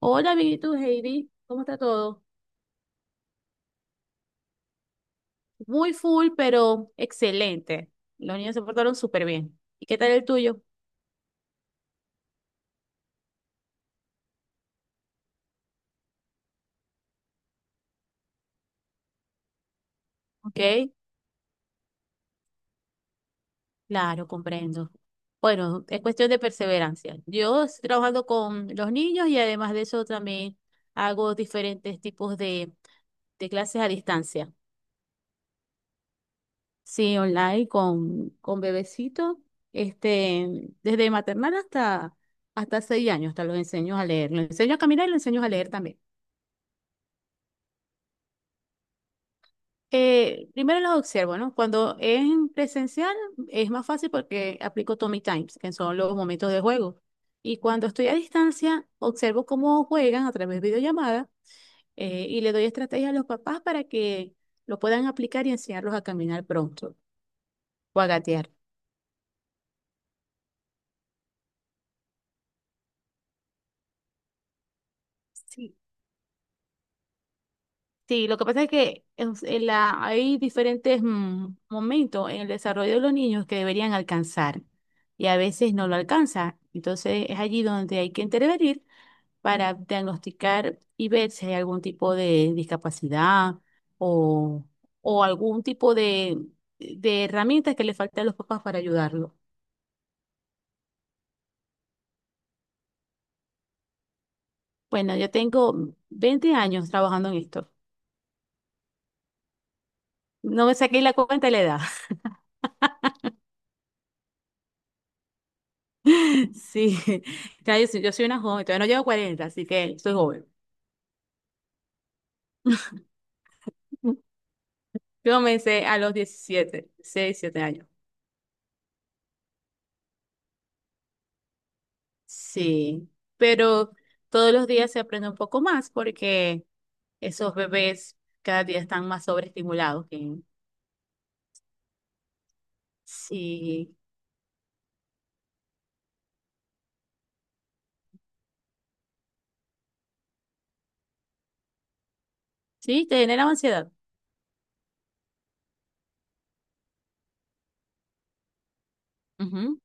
Hola, amiguitos, Heidi, ¿cómo está todo? Muy full, pero excelente. Los niños se portaron súper bien. ¿Y qué tal el tuyo? Ok, claro, comprendo. Bueno, es cuestión de perseverancia. Yo estoy trabajando con los niños y además de eso también hago diferentes tipos de clases a distancia. Sí, online con bebecitos, desde maternal hasta seis años, hasta los enseño a leer. Los enseño a caminar y los enseño a leer también. Primero los observo, ¿no? Cuando es en presencial es más fácil porque aplico Tommy Times, que son los momentos de juego. Y cuando estoy a distancia, observo cómo juegan a través de videollamada y le doy estrategias a los papás para que lo puedan aplicar y enseñarlos a caminar pronto o a gatear. Sí, sí, lo que pasa es que en hay diferentes momentos en el desarrollo de los niños que deberían alcanzar y a veces no lo alcanza. Entonces es allí donde hay que intervenir para diagnosticar y ver si hay algún tipo de discapacidad o, o algún tipo de herramientas que le faltan a los papás para ayudarlo. Bueno, yo tengo 20 años trabajando en esto. No me saqué la cuenta de la edad. Sí, soy yo soy una joven, todavía no llevo 40, así que soy joven. Yo comencé a los 17, 6, 7 años. Sí, pero todos los días se aprende un poco más porque esos bebés cada día están más sobreestimulados. Sí, sí, te generan ansiedad. Ujú.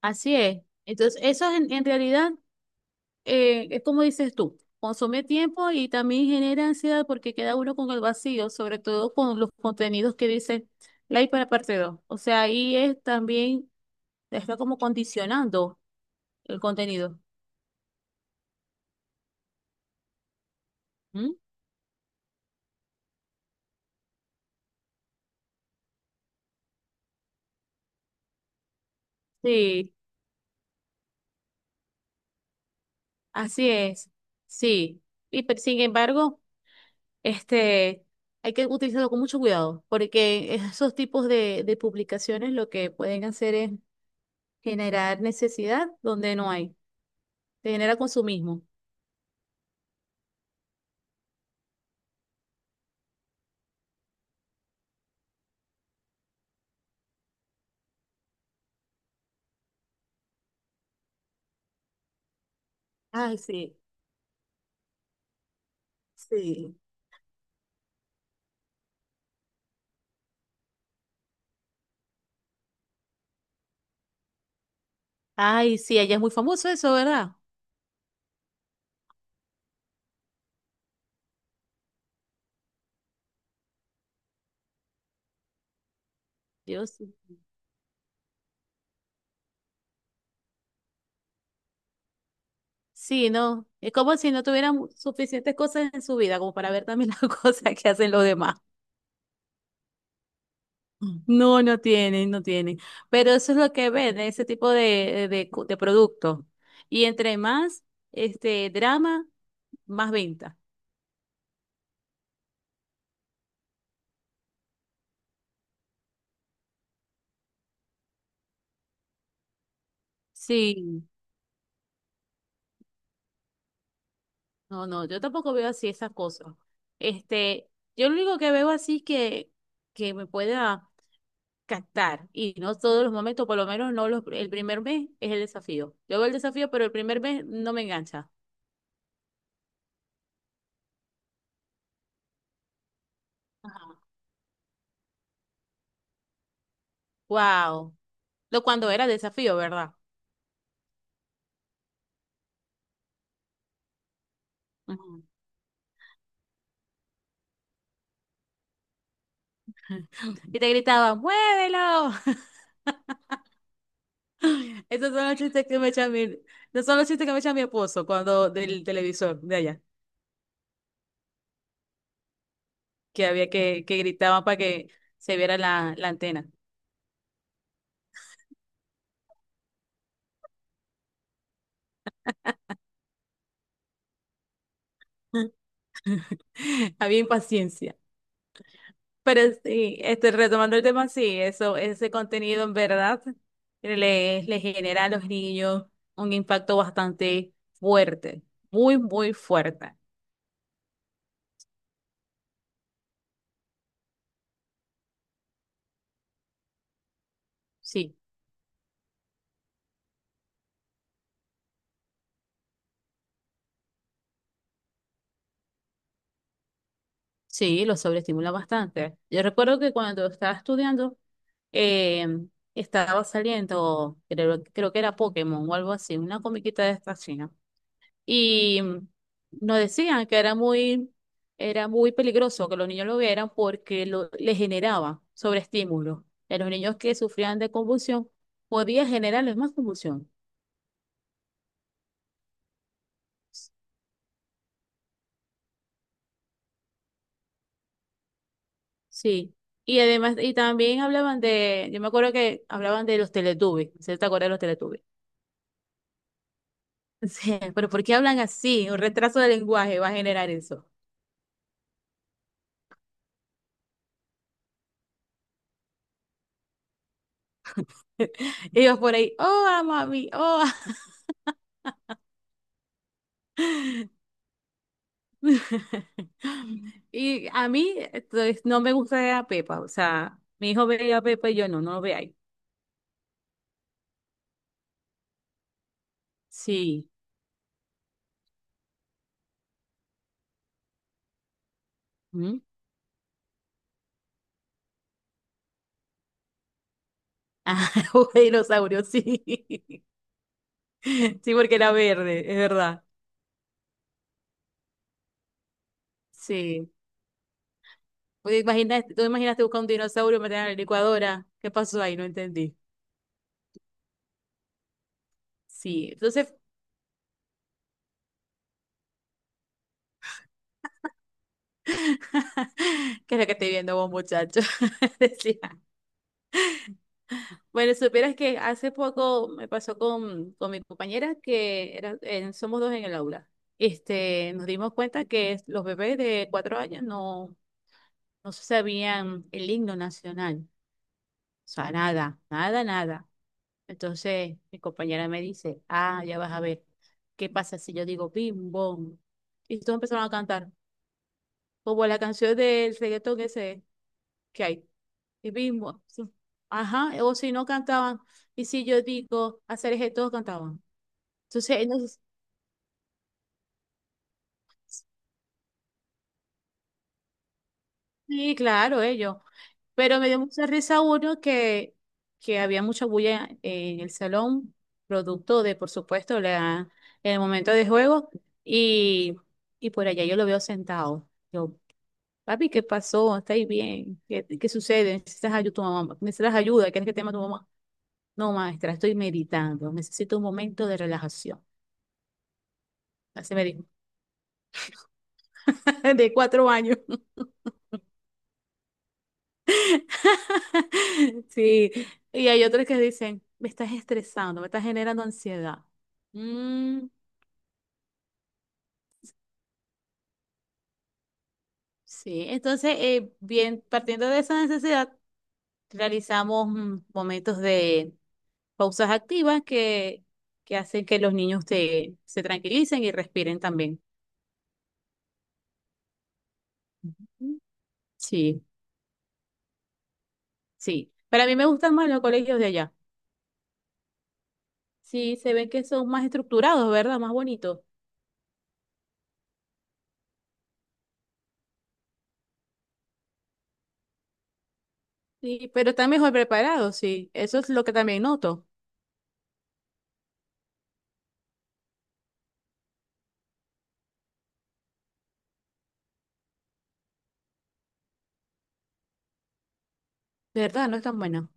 Así es. Entonces, eso en realidad es como dices tú, consume tiempo y también genera ansiedad porque queda uno con el vacío, sobre todo con los contenidos que dicen like para parte dos. O sea, ahí es también, te está como condicionando el contenido. ¿Mm? Sí, así es. Sí. Pero sin embargo, Este, hay que utilizarlo con mucho cuidado, porque esos tipos de publicaciones lo que pueden hacer es generar necesidad donde no hay, te genera consumismo. Ay, sí, sí. Ay, sí, allá es muy famoso eso, ¿verdad? Yo sí. Sí, no, es como si no tuvieran suficientes cosas en su vida como para ver también las cosas que hacen los demás. No, no tienen, no tienen. Pero eso es lo que ven, ese tipo de productos. Y entre más drama, más venta. Sí, no, no, yo tampoco veo así esas cosas. Este, yo lo único que veo así es que me pueda captar y no todos los momentos, por lo menos no los, el primer mes es el desafío. Yo veo el desafío, pero el primer mes no me engancha. Ajá. Wow. Lo cuando era desafío, ¿verdad? Ujú. Y te gritaban, ¡muévelo! Esos son los chistes que me echa no son los chistes que me echa mi esposo cuando del televisor de allá, que había que gritaban para que se viera la antena. Había impaciencia. Pero sí, retomando el tema, sí, eso, ese contenido en verdad le genera a los niños un impacto bastante fuerte, muy, muy fuerte. Sí, sí, lo sobreestimula bastante. Yo recuerdo que cuando estaba estudiando, eh, estaba saliendo, creo que era Pokémon o algo así, una comiquita de esta china. Y nos decían que era muy peligroso que los niños lo vieran porque le generaba sobreestímulo. En los niños que sufrían de convulsión, podía generarles más convulsión. Sí. Y además, y también hablaban de, yo me acuerdo que hablaban de los Teletubbies, ¿se te acuerdas de los Teletubbies? Sí, pero ¿por qué hablan así? Un retraso de lenguaje va a generar eso. Ellos por ahí, oh, ah, mami, oh. Y a mí entonces, no me gusta ver a Pepa. O sea, mi hijo veía a Pepa y yo no, no lo veía. Sí. ¿Mm? Ah, un dinosaurio, sí. Sí, porque era verde, es verdad. Sí. Pues tú imaginaste buscar un dinosaurio, meter en la licuadora. ¿Qué pasó ahí? No entendí. Sí. Entonces, ¿qué es lo que estoy viendo vos, muchacho? Decía. Bueno, supieras que hace poco me pasó con mi compañera que era, somos dos en el aula. Nos dimos cuenta que los bebés de cuatro años no se sabían el himno nacional. O sea, nada, nada, nada. Entonces mi compañera me dice, ah, ya vas a ver, ¿qué pasa si yo digo bim, bom? Y todos empezaron a cantar, como la canción del reggaetón ese que hay, y bim, bom. Sí. Ajá, o si no cantaban, y si yo digo hacer eje, todos cantaban. Entonces, no sé. Sí, claro, ellos. Pero me dio mucha risa uno que había mucha bulla en el salón, producto de, por supuesto, el momento de juego, y, y por allá yo lo veo sentado. Yo, papi, ¿qué pasó? ¿Estáis bien? ¿Qué, qué sucede? ¿Necesitas ayuda tu mamá? ¿Necesitas ayuda? ¿Quieres que te llame tu mamá? No, maestra, estoy meditando. Necesito un momento de relajación. Así me dijo, de cuatro años. Sí, y hay otros que dicen, me estás estresando, me estás generando ansiedad. Mm, sí, entonces, bien, partiendo de esa necesidad, realizamos momentos de pausas activas que hacen que los niños se tranquilicen y respiren también. Ujú. Sí, sí. Para mí me gustan más los colegios de allá. Sí, se ven que son más estructurados, ¿verdad? Más bonitos. Sí, pero están mejor preparados, sí. Eso es lo que también noto. De verdad, no es tan buena.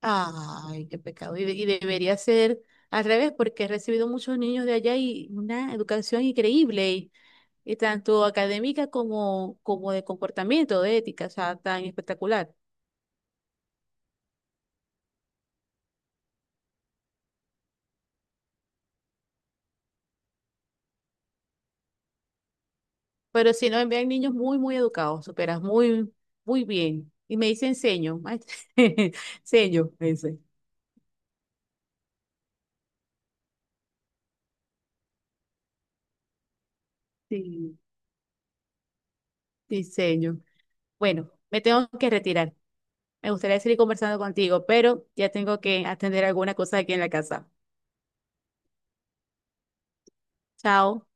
Ay, qué pecado. Y, y debería ser al revés, porque he recibido muchos niños de allá y una educación increíble, y tanto académica como, como de comportamiento, de ética, o sea, tan espectacular. Pero si no, envían niños muy, muy educados, superas muy, muy bien. Y me dicen seño, maestra. Seño, me dice. Sí, sí. Bueno, me tengo que retirar. Me gustaría seguir conversando contigo, pero ya tengo que atender alguna cosa aquí en la casa. Chao.